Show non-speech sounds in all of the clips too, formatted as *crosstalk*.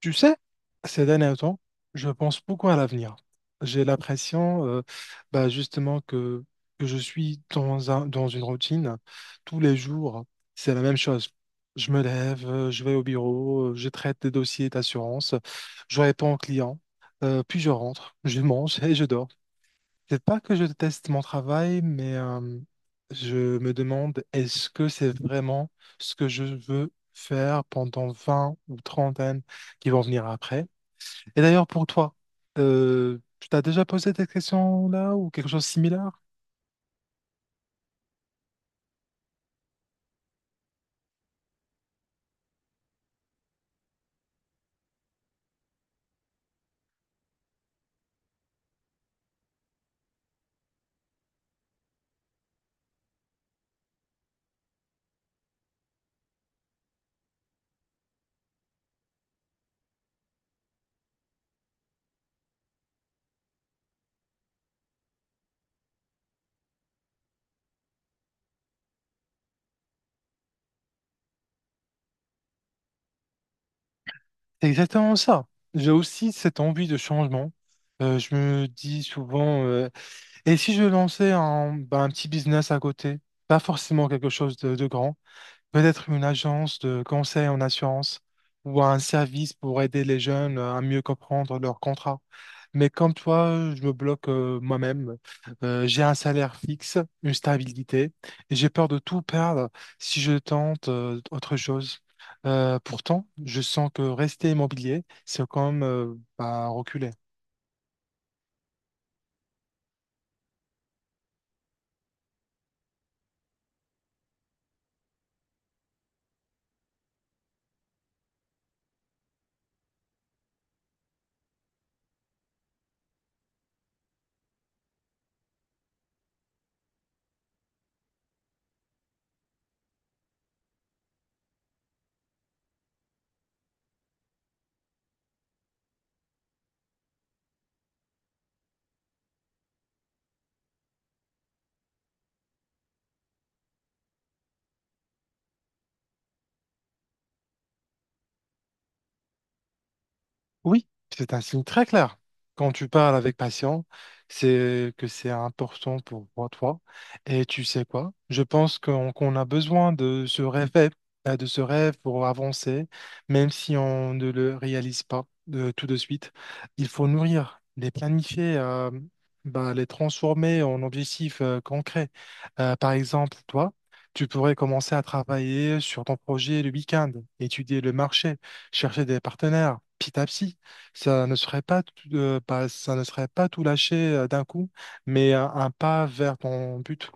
Tu sais, ces derniers temps, je pense beaucoup à l'avenir. J'ai l'impression, bah, justement, que je suis dans dans une routine. Tous les jours, c'est la même chose. Je me lève, je vais au bureau, je traite des dossiers d'assurance, je réponds aux clients, puis je rentre, je mange et je dors. C'est pas que je déteste mon travail, mais je me demande, est-ce que c'est vraiment ce que je veux faire pendant 20 ou 30 années qui vont venir après? Et d'ailleurs, pour toi, tu t'as déjà posé cette question-là ou quelque chose de similaire? C'est exactement ça. J'ai aussi cette envie de changement. Je me dis souvent, et si je lançais bah, un petit business à côté, pas forcément quelque chose de grand, peut-être une agence de conseil en assurance ou un service pour aider les jeunes à mieux comprendre leur contrat. Mais comme toi, je me bloque moi-même. J'ai un salaire fixe, une stabilité, et j'ai peur de tout perdre si je tente autre chose. Pourtant, je sens que rester immobilier, c'est comme bah, reculer. Oui, c'est un signe très clair. Quand tu parles avec passion, c'est que c'est important pour toi. Et tu sais quoi? Je pense qu'on a besoin de ce rêve pour avancer, même si on ne le réalise pas tout de suite. Il faut nourrir, les planifier, bah, les transformer en objectifs concrets. Par exemple, toi, tu pourrais commencer à travailler sur ton projet le week-end, étudier le marché, chercher des partenaires, petit à petit. Ça ne serait pas tout, ça ne serait pas tout lâcher d'un coup, mais un pas vers ton but.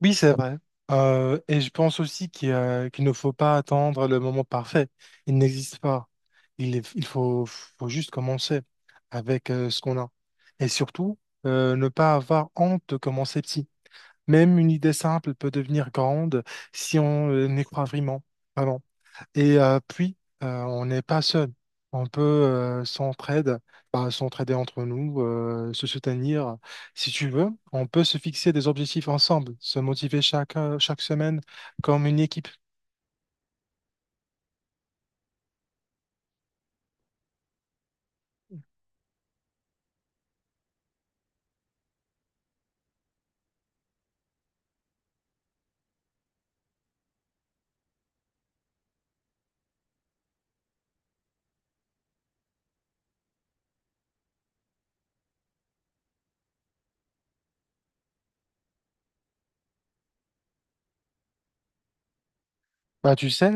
Oui, c'est vrai. Et je pense aussi qu'il ne faut pas attendre le moment parfait. Il n'existe pas. Il faut juste commencer avec ce qu'on a. Et surtout, ne pas avoir honte de commencer petit. Même une idée simple peut devenir grande si on y croit vraiment. Vraiment. Et puis, on n'est pas seul. On peut bah, s'entraider entre nous, se soutenir. Si tu veux, on peut se fixer des objectifs ensemble, se motiver chaque semaine comme une équipe. Bah, tu sais,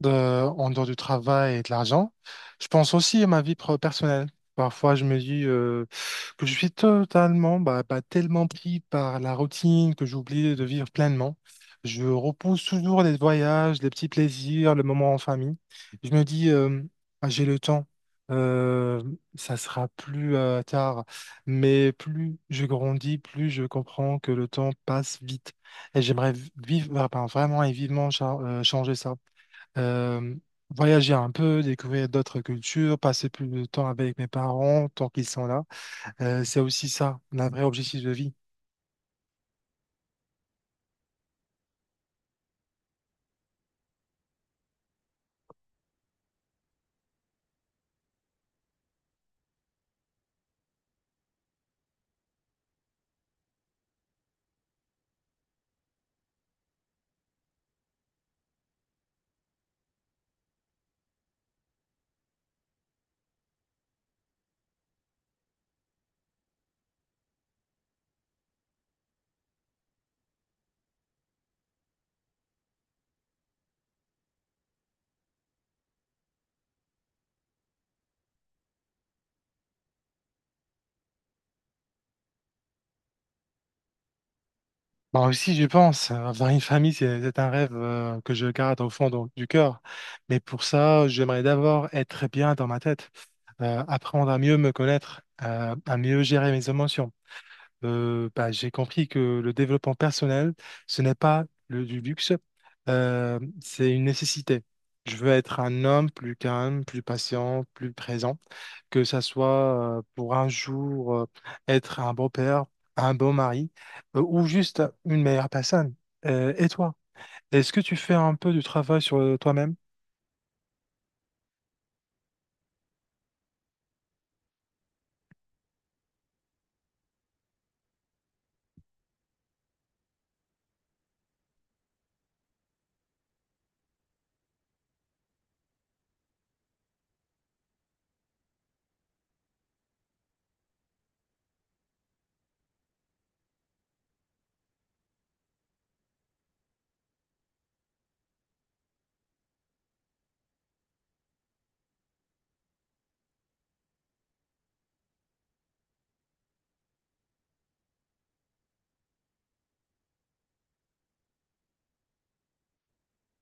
en dehors du travail et de l'argent, je pense aussi à ma vie personnelle. Parfois, je me dis que je suis totalement, tellement pris par la routine que j'oublie de vivre pleinement. Je repousse toujours les voyages, les petits plaisirs, le moment en famille. Je me dis, ah, j'ai le temps, Euh, ça sera plus tard. Mais plus je grandis, plus je comprends que le temps passe vite. Et j'aimerais bah, vraiment et vivement changer ça. Euh, Voyager un peu, découvrir d'autres cultures, passer plus de temps avec mes parents tant qu'ils sont là. C'est aussi ça, un vrai objectif de vie. Bah aussi, je pense, avoir une famille, c'est un rêve que je garde au fond donc, du cœur. Mais pour ça, j'aimerais d'abord être bien dans ma tête, apprendre à mieux me connaître, à mieux gérer mes émotions. Bah, j'ai compris que le développement personnel, ce n'est pas du luxe, c'est une nécessité. Je veux être un homme plus calme, plus patient, plus présent, que ça soit pour un jour être un beau père, un bon mari, ou juste une meilleure personne. Et toi? Est-ce que tu fais un peu du travail sur toi-même?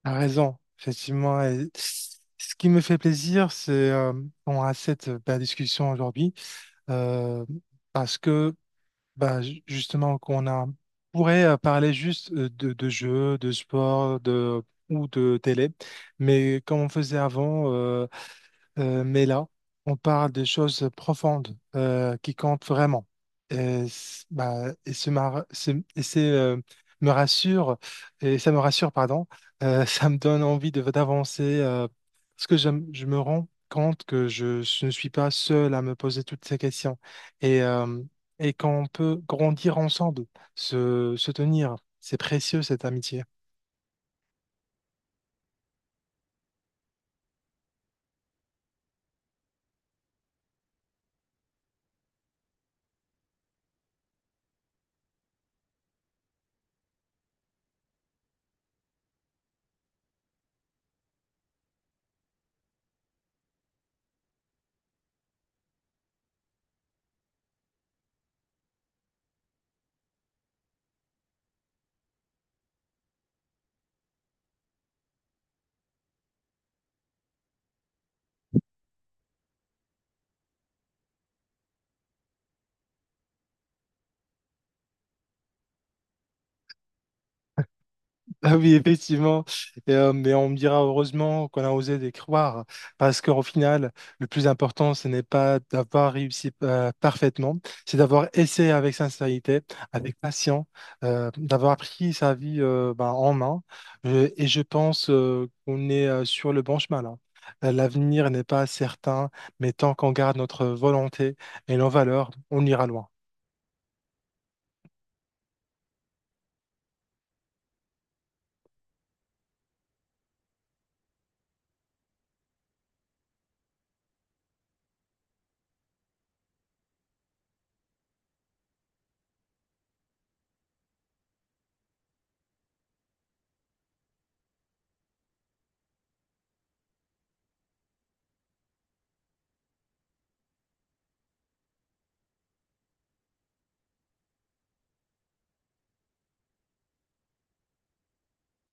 T'as raison, effectivement. Et ce qui me fait plaisir, c'est qu'on a cette belle discussion aujourd'hui, euh, parce que bah, justement, on pourrait parler juste de jeux, de sport, ou de télé, mais comme on faisait avant, mais là, on parle de choses profondes qui comptent vraiment. Et, c- bah, et, ce mar- ce- et c'est, me rassure, et ça me rassure, pardon, *laughs* ça me donne envie d'avancer parce que je me rends compte que je ne suis pas seul à me poser toutes ces questions et, euh, et qu'on peut grandir ensemble, se tenir. C'est précieux cette amitié. Ah oui, effectivement. Mais on me dira heureusement qu'on a osé les croire, parce qu'au final, le plus important, ce n'est pas d'avoir réussi parfaitement, c'est d'avoir essayé avec sincérité, avec patience, d'avoir pris sa vie ben, en main. Et je pense qu'on est sur le bon chemin là. L'avenir n'est pas certain, mais tant qu'on garde notre volonté et nos valeurs, on ira loin.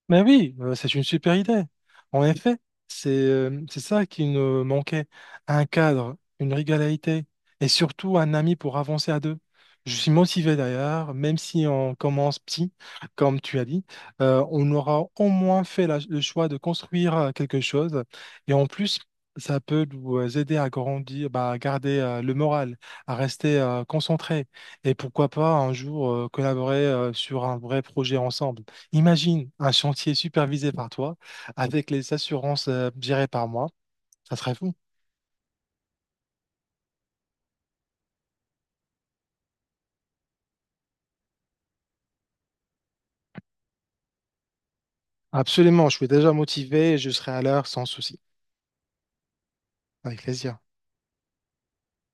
Mais oui, c'est une super idée. En effet, c'est ça qui nous manquait. Un cadre, une régularité et surtout un ami pour avancer à deux. Je suis motivé d'ailleurs, même si on commence petit, comme tu as dit, on aura au moins fait le choix de construire quelque chose. Et en plus, ça peut nous aider à grandir, bah, à garder le moral, à rester concentré. Et pourquoi pas un jour collaborer sur un vrai projet ensemble. Imagine un chantier supervisé par toi, avec les assurances gérées par moi. Ça serait fou. Absolument, je suis déjà motivé et je serai à l'heure sans souci. Avec plaisir.